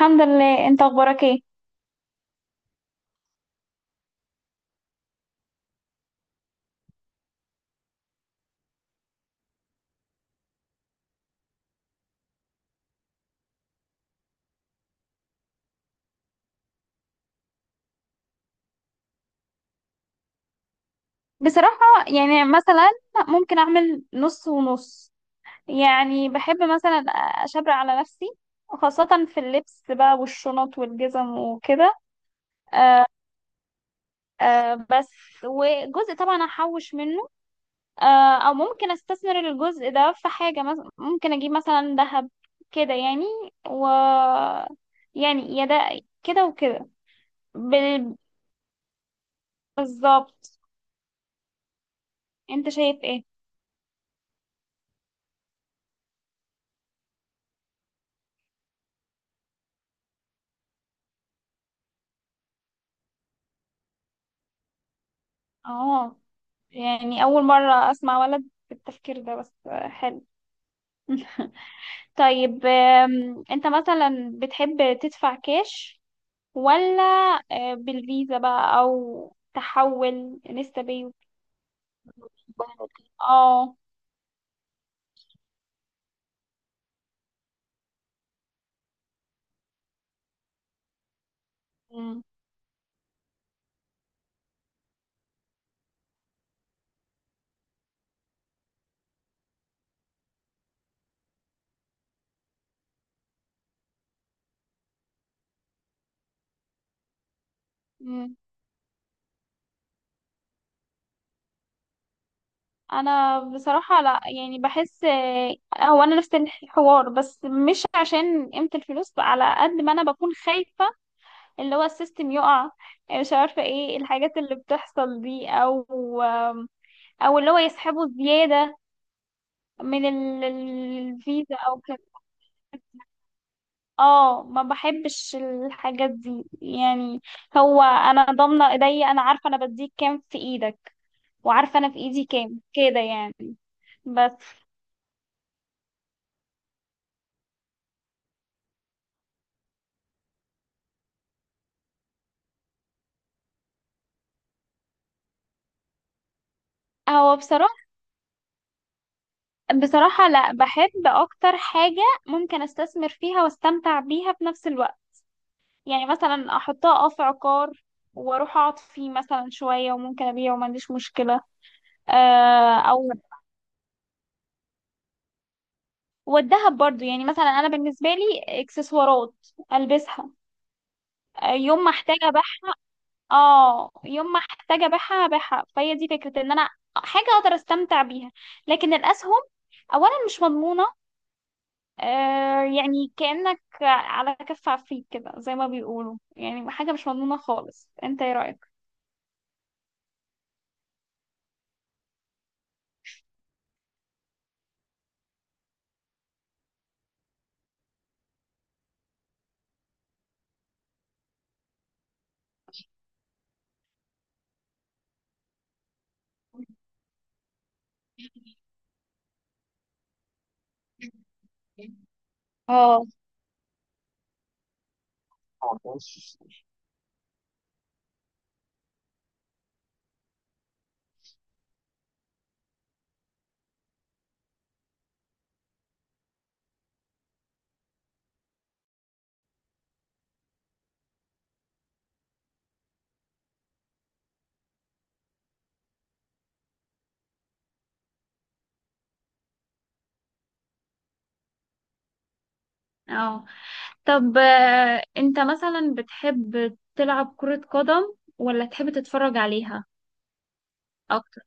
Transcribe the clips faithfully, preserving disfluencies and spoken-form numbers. الحمد لله، انت اخبارك ايه؟ بصراحة يعني مثلا ممكن اعمل نص ونص. يعني بحب مثلا اشبر على نفسي، خاصة في اللبس بقى والشنط والجزم وكده. آه، آه، بس. وجزء طبعا احوش منه. آه، او ممكن استثمر الجزء ده في حاجة، مثلا ممكن اجيب مثلا ذهب كده يعني. و يعني يا ده كده وكده. بال- بالظبط. انت شايف ايه؟ اه، يعني أول مرة أسمع ولد بالتفكير ده، بس حلو. طيب، آم، أنت مثلا بتحب تدفع كاش، ولا آه، بالفيزا بقى، أو تحول لسه بي؟ اه. مم. مم. انا بصراحة لا، يعني بحس، آه، هو انا نفس الحوار، بس مش عشان قيمة الفلوس، على قد ما انا بكون خايفة. اللي هو السيستم يقع، آه، مش عارفة ايه الحاجات اللي بتحصل دي، او او اللي هو يسحبوا زيادة من ال- الفيزا او كده. اه، ما بحبش الحاجات دي يعني. هو انا ضامنة ايديا، انا عارفة انا بديك كام في ايدك، وعارفة انا في ايدي كام كده يعني. بس، هو بصراحة بصراحة لا، بحب اكتر حاجة ممكن استثمر فيها واستمتع بيها في نفس الوقت. يعني مثلا احطها اه في عقار، واروح اقعد فيه مثلا شوية، وممكن ابيعه وما عنديش مشكلة، آه، او. والدهب برضو، يعني مثلا انا بالنسبه لي اكسسوارات البسها، يوم ما احتاج ابيعها. اه يوم ما احتاج ابيعها ابيعها، فهي دي فكره ان انا حاجه اقدر استمتع بيها. لكن الاسهم اولا مش مضمونه، آه يعني كانك على كف عفريت كده، زي ما بيقولوا، يعني حاجه مش مضمونه خالص. انت ايه رايك؟ اه، اه. طب، آه، انت مثلا بتحب تلعب كرة قدم ولا تحب تتفرج عليها اكتر؟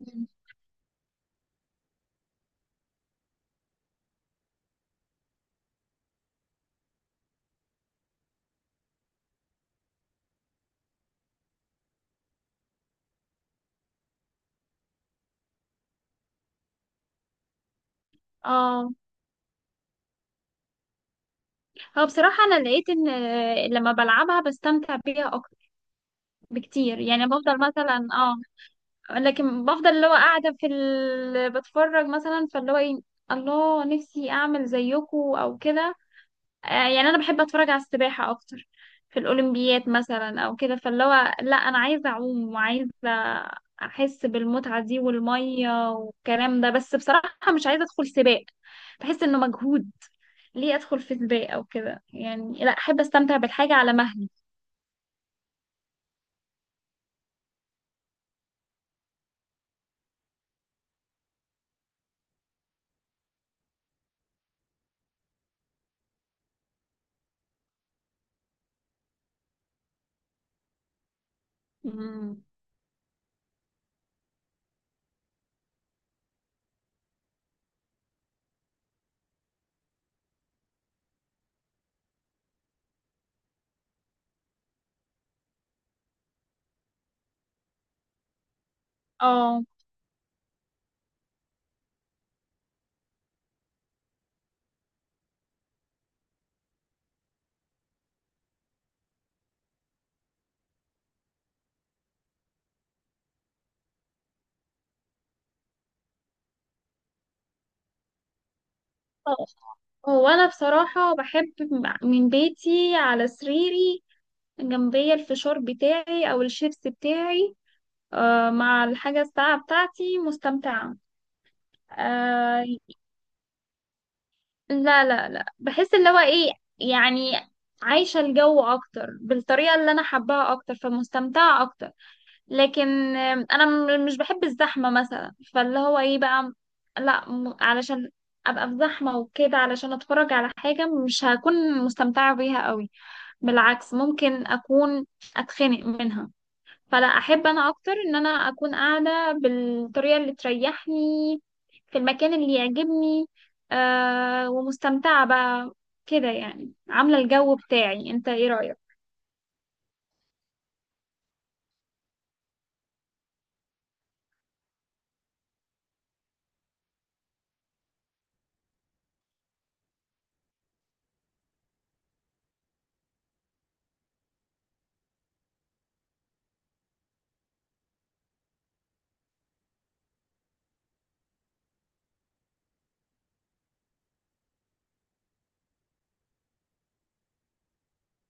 مم. اه، هو بصراحة انا لقيت ان، آه، لما بلعبها بستمتع بيها اكتر بكتير. يعني بفضل مثلا، اه لكن بفضل اللي هو قاعدة في ال... بتفرج مثلا، فاللي هو ايه. الله، نفسي اعمل زيكو او كده، آه، يعني انا بحب اتفرج على السباحه اكتر في الاولمبيات مثلا او كده، فاللي هو لا، انا عايزه اعوم، وعايزه احس بالمتعه دي، والميه والكلام ده، بس بصراحه مش عايزه ادخل سباق. بحس انه مجهود. ليه ادخل في سباق او كده يعني؟ لا، احب استمتع بالحاجه على مهلي. مم. اه. هو انا بصراحه بحب من بيتي على سريري، جنبي الفشار بتاعي او الشيبس بتاعي، آه، مع الحاجة الساعة بتاعتي، مستمتعة. آه. لا، لا، لا، بحس اللي هو ايه، يعني عايشة الجو أكتر بالطريقة اللي أنا حباها أكتر، فمستمتعة أكتر. لكن، آم، أنا م- مش بحب الزحمة مثلا، فاللي هو ايه بقى، لا م- علشان أبقى في زحمة وكده علشان أتفرج على حاجة، مش هكون مستمتعة بيها قوي، بالعكس ممكن أكون أتخنق منها. فلا، احب انا اكتر ان انا اكون قاعده بالطريقه اللي تريحني، في المكان اللي يعجبني، آه ومستمتعه بقى كده يعني، عامله الجو بتاعي. انت ايه رايك؟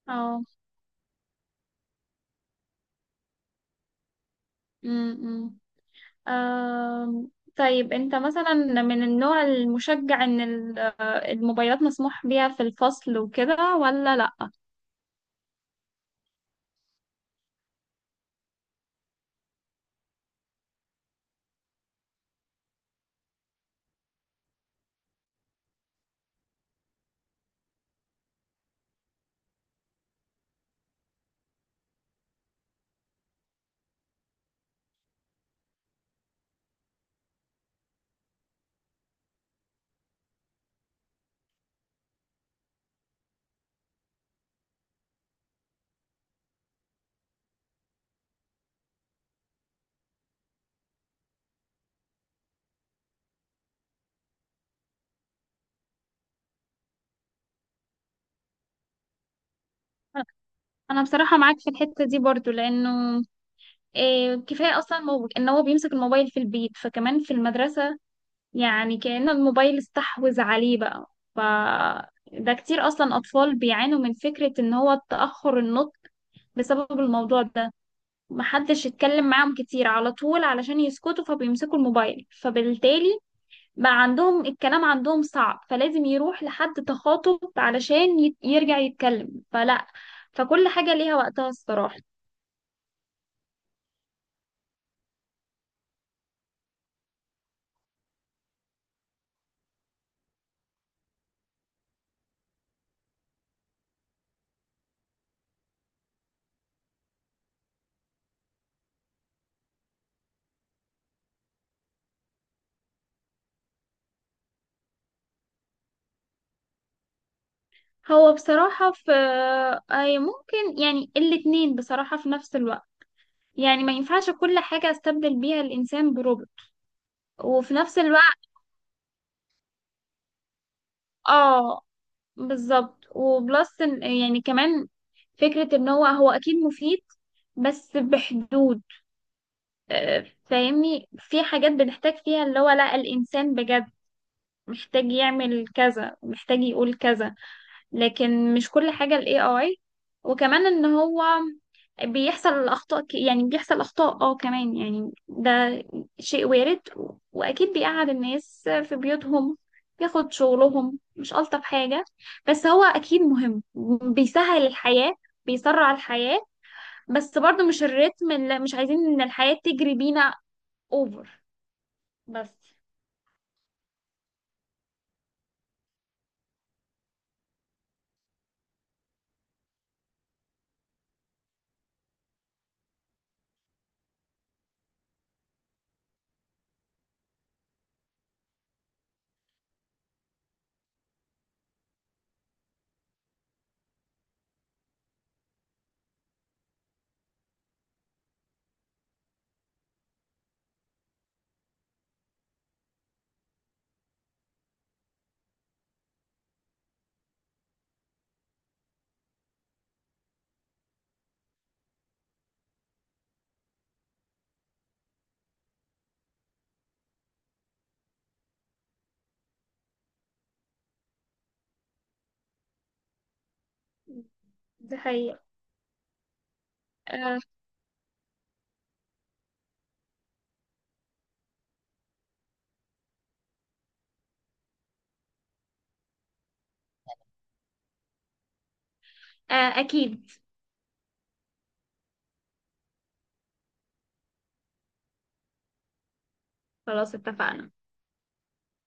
اه. امم آه طيب انت مثلا من النوع المشجع ان ال- آه، الموبايلات مسموح بيها في الفصل وكده، ولا لا؟ انا بصراحه معاك في الحته دي برضو، لانه إيه، كفايه اصلا، مو- ان هو بيمسك الموبايل في البيت، فكمان في المدرسه، يعني كأن الموبايل استحوذ عليه بقى. ف ده كتير أصلا، أطفال بيعانوا من فكرة إن هو تأخر النطق بسبب الموضوع ده. محدش يتكلم معاهم كتير، على طول علشان يسكتوا فبيمسكوا الموبايل، فبالتالي بقى عندهم الكلام، عندهم صعب، فلازم يروح لحد تخاطب علشان ي- يرجع يتكلم. فلا، فكل حاجة ليها وقتها الصراحة. هو بصراحة في أي ممكن، يعني الاتنين بصراحة في نفس الوقت. يعني ما ينفعش كل حاجة استبدل بيها الإنسان بروبوت، وفي نفس الوقت. اه، بالظبط. وبلس إن- يعني كمان فكرة ان هو هو اكيد مفيد، بس بحدود. آه، فاهمني، في حاجات بنحتاج فيها اللي هو لا، الإنسان بجد محتاج يعمل كذا، محتاج يقول كذا، لكن مش كل حاجة ال إي آي. وكمان ان هو بيحصل اخطاء، ك- يعني بيحصل اخطاء، اه كمان يعني، ده شيء وارد. و- واكيد بيقعد الناس في بيوتهم، بياخد شغلهم، مش الطف حاجة، بس هو اكيد مهم، بيسهل الحياة، بيسرع الحياة، بس برضو مش الريتم اللي مش عايزين ان الحياة تجري بينا اوفر. بس دي حقيقة. آه. آه، اكيد. خلاص، اتفقنا.